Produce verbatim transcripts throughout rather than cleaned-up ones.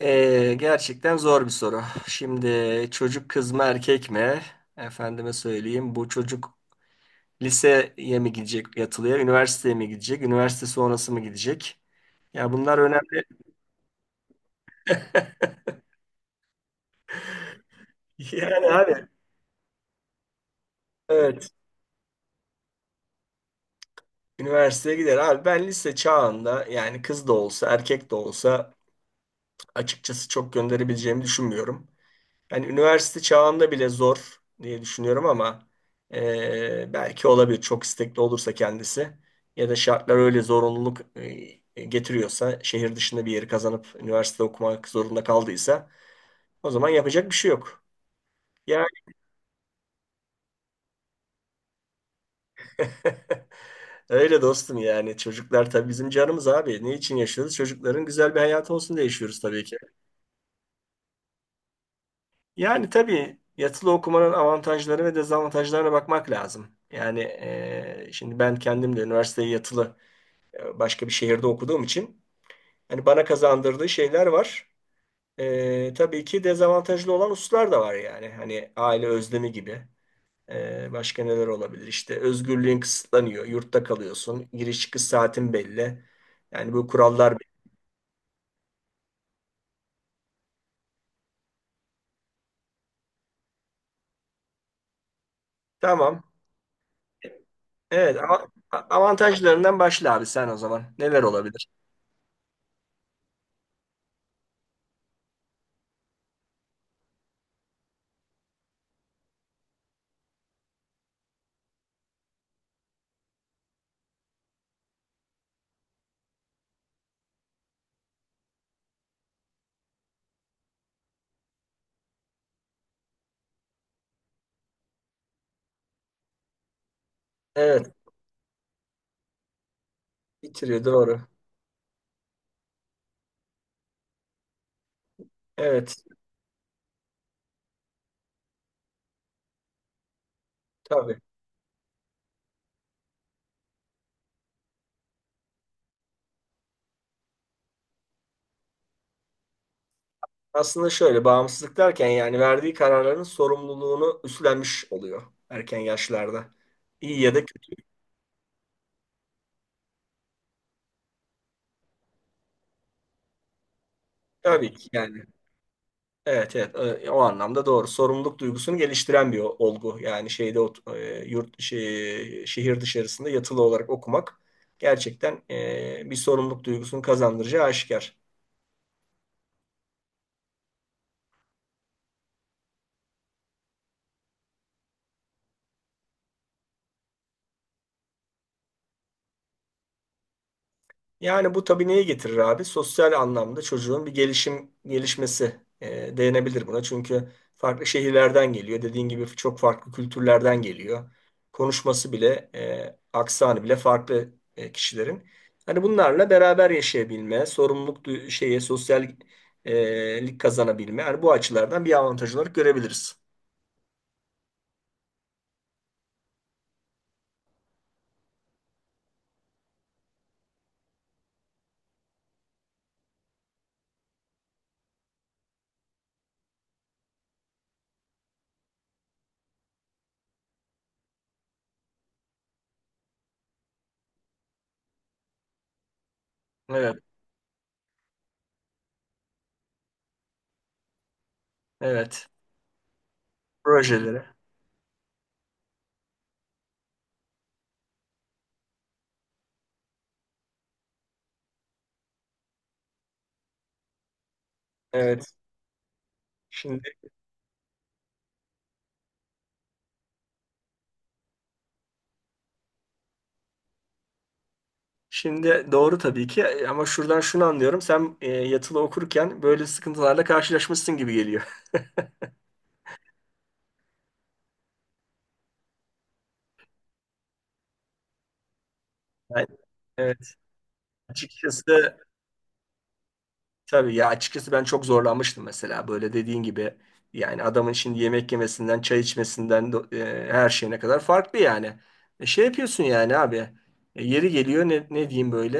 Ee, gerçekten zor bir soru. Şimdi çocuk kız mı erkek mi? Efendime söyleyeyim. Bu çocuk liseye mi gidecek yatılıya, üniversiteye mi gidecek, üniversite sonrası mı gidecek? Ya bunlar önemli. Yani abi evet, üniversiteye gider. Abi ben lise çağında yani kız da olsa erkek de olsa açıkçası çok gönderebileceğimi düşünmüyorum. Yani üniversite çağında bile zor diye düşünüyorum ama e, belki olabilir çok istekli olursa kendisi, ya da şartlar öyle zorunluluk e, getiriyorsa şehir dışında bir yeri kazanıp üniversite okumak zorunda kaldıysa o zaman yapacak bir şey yok. Yani öyle dostum, yani çocuklar tabii bizim canımız abi. Ne için yaşıyoruz? Çocukların güzel bir hayatı olsun diye yaşıyoruz tabii ki. Yani tabii yatılı okumanın avantajları ve dezavantajlarına bakmak lazım. Yani eee, şimdi ben kendim de üniversiteyi yatılı e, başka bir şehirde okuduğum için hani bana kazandırdığı şeyler var. Eee, tabii ki dezavantajlı olan hususlar da var yani. Hani aile özlemi gibi. Eee, başka neler olabilir? İşte özgürlüğün kısıtlanıyor. Yurtta kalıyorsun. Giriş çıkış saatin belli. Yani bu kurallar belli. Tamam. Evet, ama- avantajlarından başla abi sen o zaman. Neler olabilir? Evet. Bitiriyor, doğru. Evet, tabii. Aslında şöyle, bağımsızlık derken yani verdiği kararların sorumluluğunu üstlenmiş oluyor erken yaşlarda. İyi ya da kötü. Tabii ki yani. Evet evet e, o anlamda doğru. Sorumluluk duygusunu geliştiren bir o- olgu. Yani şeyde ot- e, yurt şey, şehir dışarısında yatılı olarak okumak gerçekten e, bir sorumluluk duygusunu kazandıracağı aşikar. Yani bu tabii neyi getirir abi? Sosyal anlamda çocuğun bir gelişim gelişmesi e, denebilir buna. Çünkü farklı şehirlerden geliyor. Dediğin gibi çok farklı kültürlerden geliyor. Konuşması bile, e, aksanı bile farklı e, kişilerin. Hani bunlarla beraber yaşayabilme, sorumluluk du- şeye, sosyal e, lik kazanabilme. Hani bu açılardan bir avantaj olarak görebiliriz. Evet, evet. Projeleri. Evet. Şimdi Şimdi doğru tabii ki, e, ama şuradan şunu anlıyorum. Sen e, yatılı okurken böyle sıkıntılarla karşılaşmışsın gibi geliyor. Yani, evet. Açıkçası, tabii ya, açıkçası ben çok zorlanmıştım mesela, böyle dediğin gibi. Yani adamın şimdi yemek yemesinden, çay içmesinden do- e, her şeyine kadar farklı yani. E, şey yapıyorsun yani abi. E, yeri geliyor, ne, ne diyeyim böyle.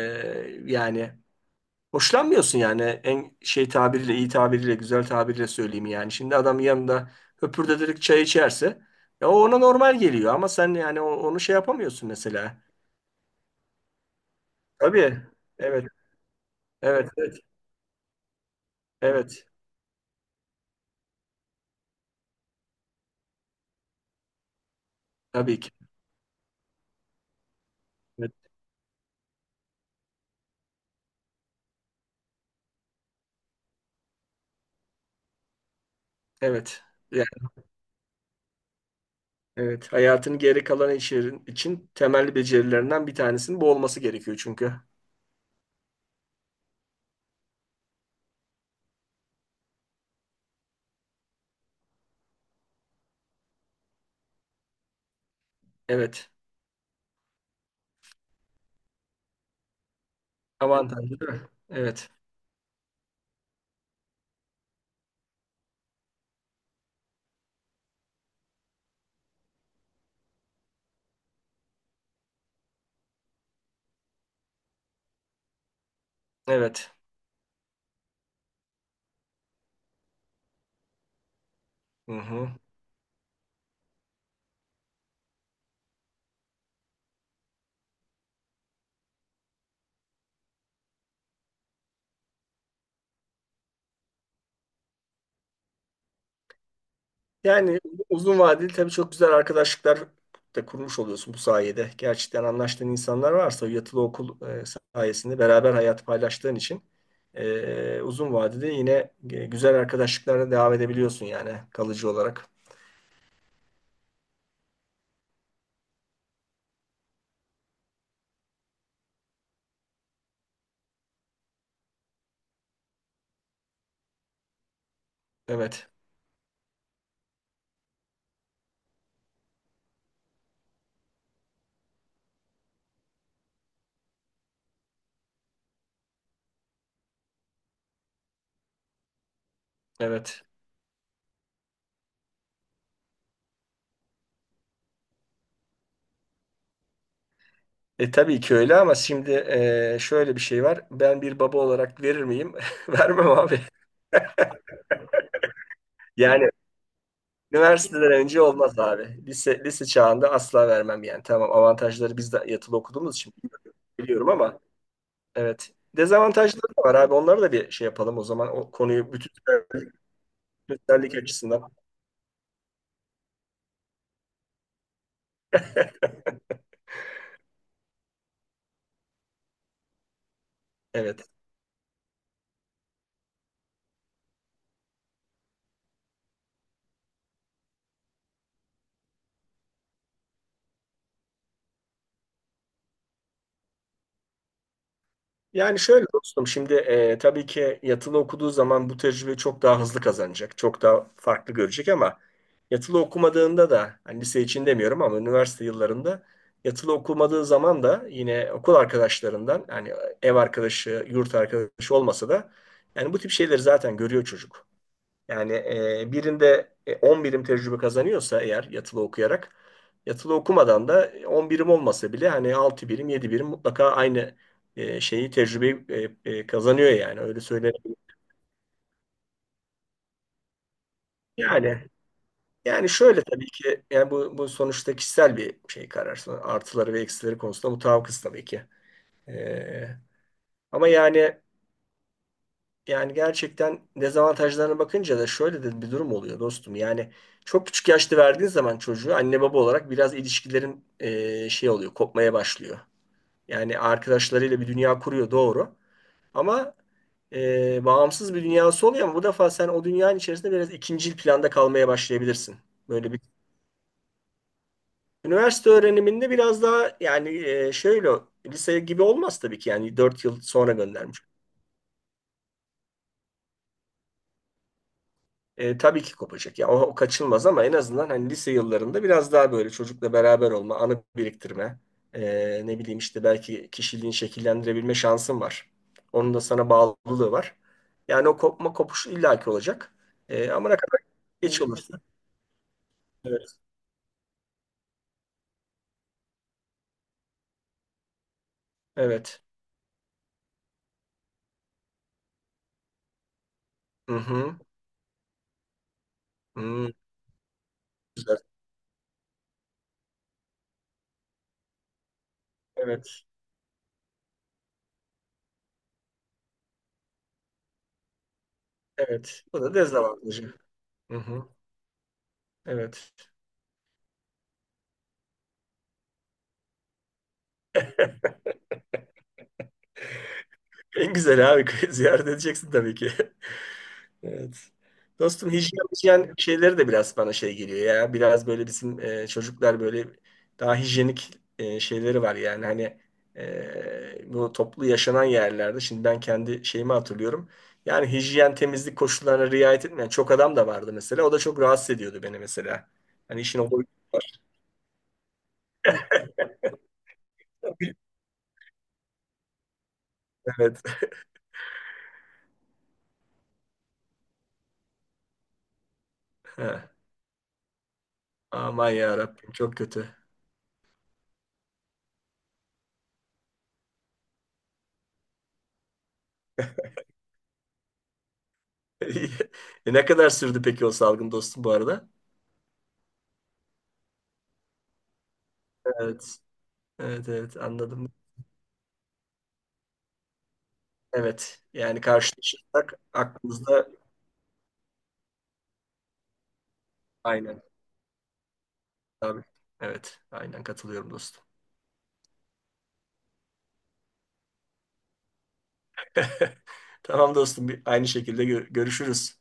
e, yani Hoşlanmıyorsun yani, en şey tabiriyle, iyi tabiriyle, güzel tabiriyle söyleyeyim yani. Şimdi adam yanında höpürdeterek çay içerse ya, o ona normal geliyor ama sen yani o- onu şey yapamıyorsun mesela. Tabii. Evet. Evet. Evet. Evet. Tabii ki. Evet. Evet. Yani, evet. Hayatın geri kalan işlerin için temel becerilerinden bir tanesinin bu olması gerekiyor çünkü. Evet. Avantajlı değil mi? Evet. Evet. Hı hı. Yani uzun vadeli tabii çok güzel arkadaşlıklar da kurmuş oluyorsun bu sayede. Gerçekten anlaştığın insanlar varsa yatılı okul e, sayesinde beraber hayat paylaştığın için e, uzun vadede yine e, güzel arkadaşlıklara devam edebiliyorsun yani kalıcı olarak. Evet, evet. E tabii ki öyle ama şimdi, e, şöyle bir şey var. Ben bir baba olarak verir miyim? Vermem abi. Yani üniversiteden önce olmaz abi. Lise, lise çağında asla vermem yani. Tamam, avantajları biz de yatılı okuduğumuz için biliyorum ama evet. Dezavantajları da var abi. Onları da bir şey yapalım o zaman. O konuyu bütün bütünsellik açısından. Evet. Yani şöyle dostum, şimdi e, tabii ki yatılı okuduğu zaman bu tecrübeyi çok daha hızlı kazanacak. Çok daha farklı görecek ama yatılı okumadığında da, hani lise için demiyorum ama üniversite yıllarında yatılı okumadığı zaman da yine okul arkadaşlarından, hani ev arkadaşı, yurt arkadaşı olmasa da yani bu tip şeyleri zaten görüyor çocuk. Yani e, birinde e, on birim tecrübe kazanıyorsa eğer yatılı okuyarak, yatılı okumadan da e, on birim olmasa bile hani altı birim, yedi birim mutlaka aynı e, şeyi tecrübeyi e, e, kazanıyor yani, öyle söylenebilir. Yani yani şöyle, tabii ki yani bu bu sonuçta kişisel bir şey, karar. Artıları ve eksileri konusunda mutabıkız tabii ki. E, ama yani Yani gerçekten dezavantajlarına bakınca da şöyle de bir durum oluyor dostum. Yani çok küçük yaşta verdiğin zaman çocuğu, anne baba olarak biraz ilişkilerin eee, şey oluyor, kopmaya başlıyor. Yani arkadaşlarıyla bir dünya kuruyor, doğru. Ama eee, bağımsız bir dünyası oluyor ama bu defa sen o dünyanın içerisinde biraz ikincil planda kalmaya başlayabilirsin. Böyle bir Üniversite öğreniminde biraz daha yani, eee, şöyle lise gibi olmaz tabii ki yani, dört yıl sonra göndermiş. E, tabii ki kopacak. Ya o, o kaçılmaz ama en azından hani lise yıllarında biraz daha böyle çocukla beraber olma, anı biriktirme, e, ne bileyim işte, belki kişiliğini şekillendirebilme şansın var. Onun da sana bağlılığı var. Yani o kopma kopuş illaki olacak. E, ama ne kadar geç. Evet. Olursa. Evet. Evet. Hı hı. Hı, güzel. Evet. Evet. Bu da dezavantajı. Hı hı. Evet. En güzel abi, ziyaret edeceksin tabii ki. Evet. Dostum hijyen, hijyen şeyleri de biraz bana şey geliyor ya. Biraz böyle bizim e, çocuklar böyle daha hijyenik e, şeyleri var yani. Hani e, bu toplu yaşanan yerlerde şimdi ben kendi şeyimi hatırlıyorum. Yani hijyen temizlik koşullarına riayet etmeyen çok adam da vardı mesela. O da çok rahatsız ediyordu beni mesela. Hani işin o boyutu var. Evet. Aman ya Rabbim, çok kötü. E, ne kadar sürdü peki o salgın dostum bu arada? Evet. Evet, evet, anladım. Evet. Yani karşılaşırsak aklımızda. Aynen. Tabii. Evet. Aynen katılıyorum dostum. Tamam dostum. bir- Aynı şekilde gö- görüşürüz.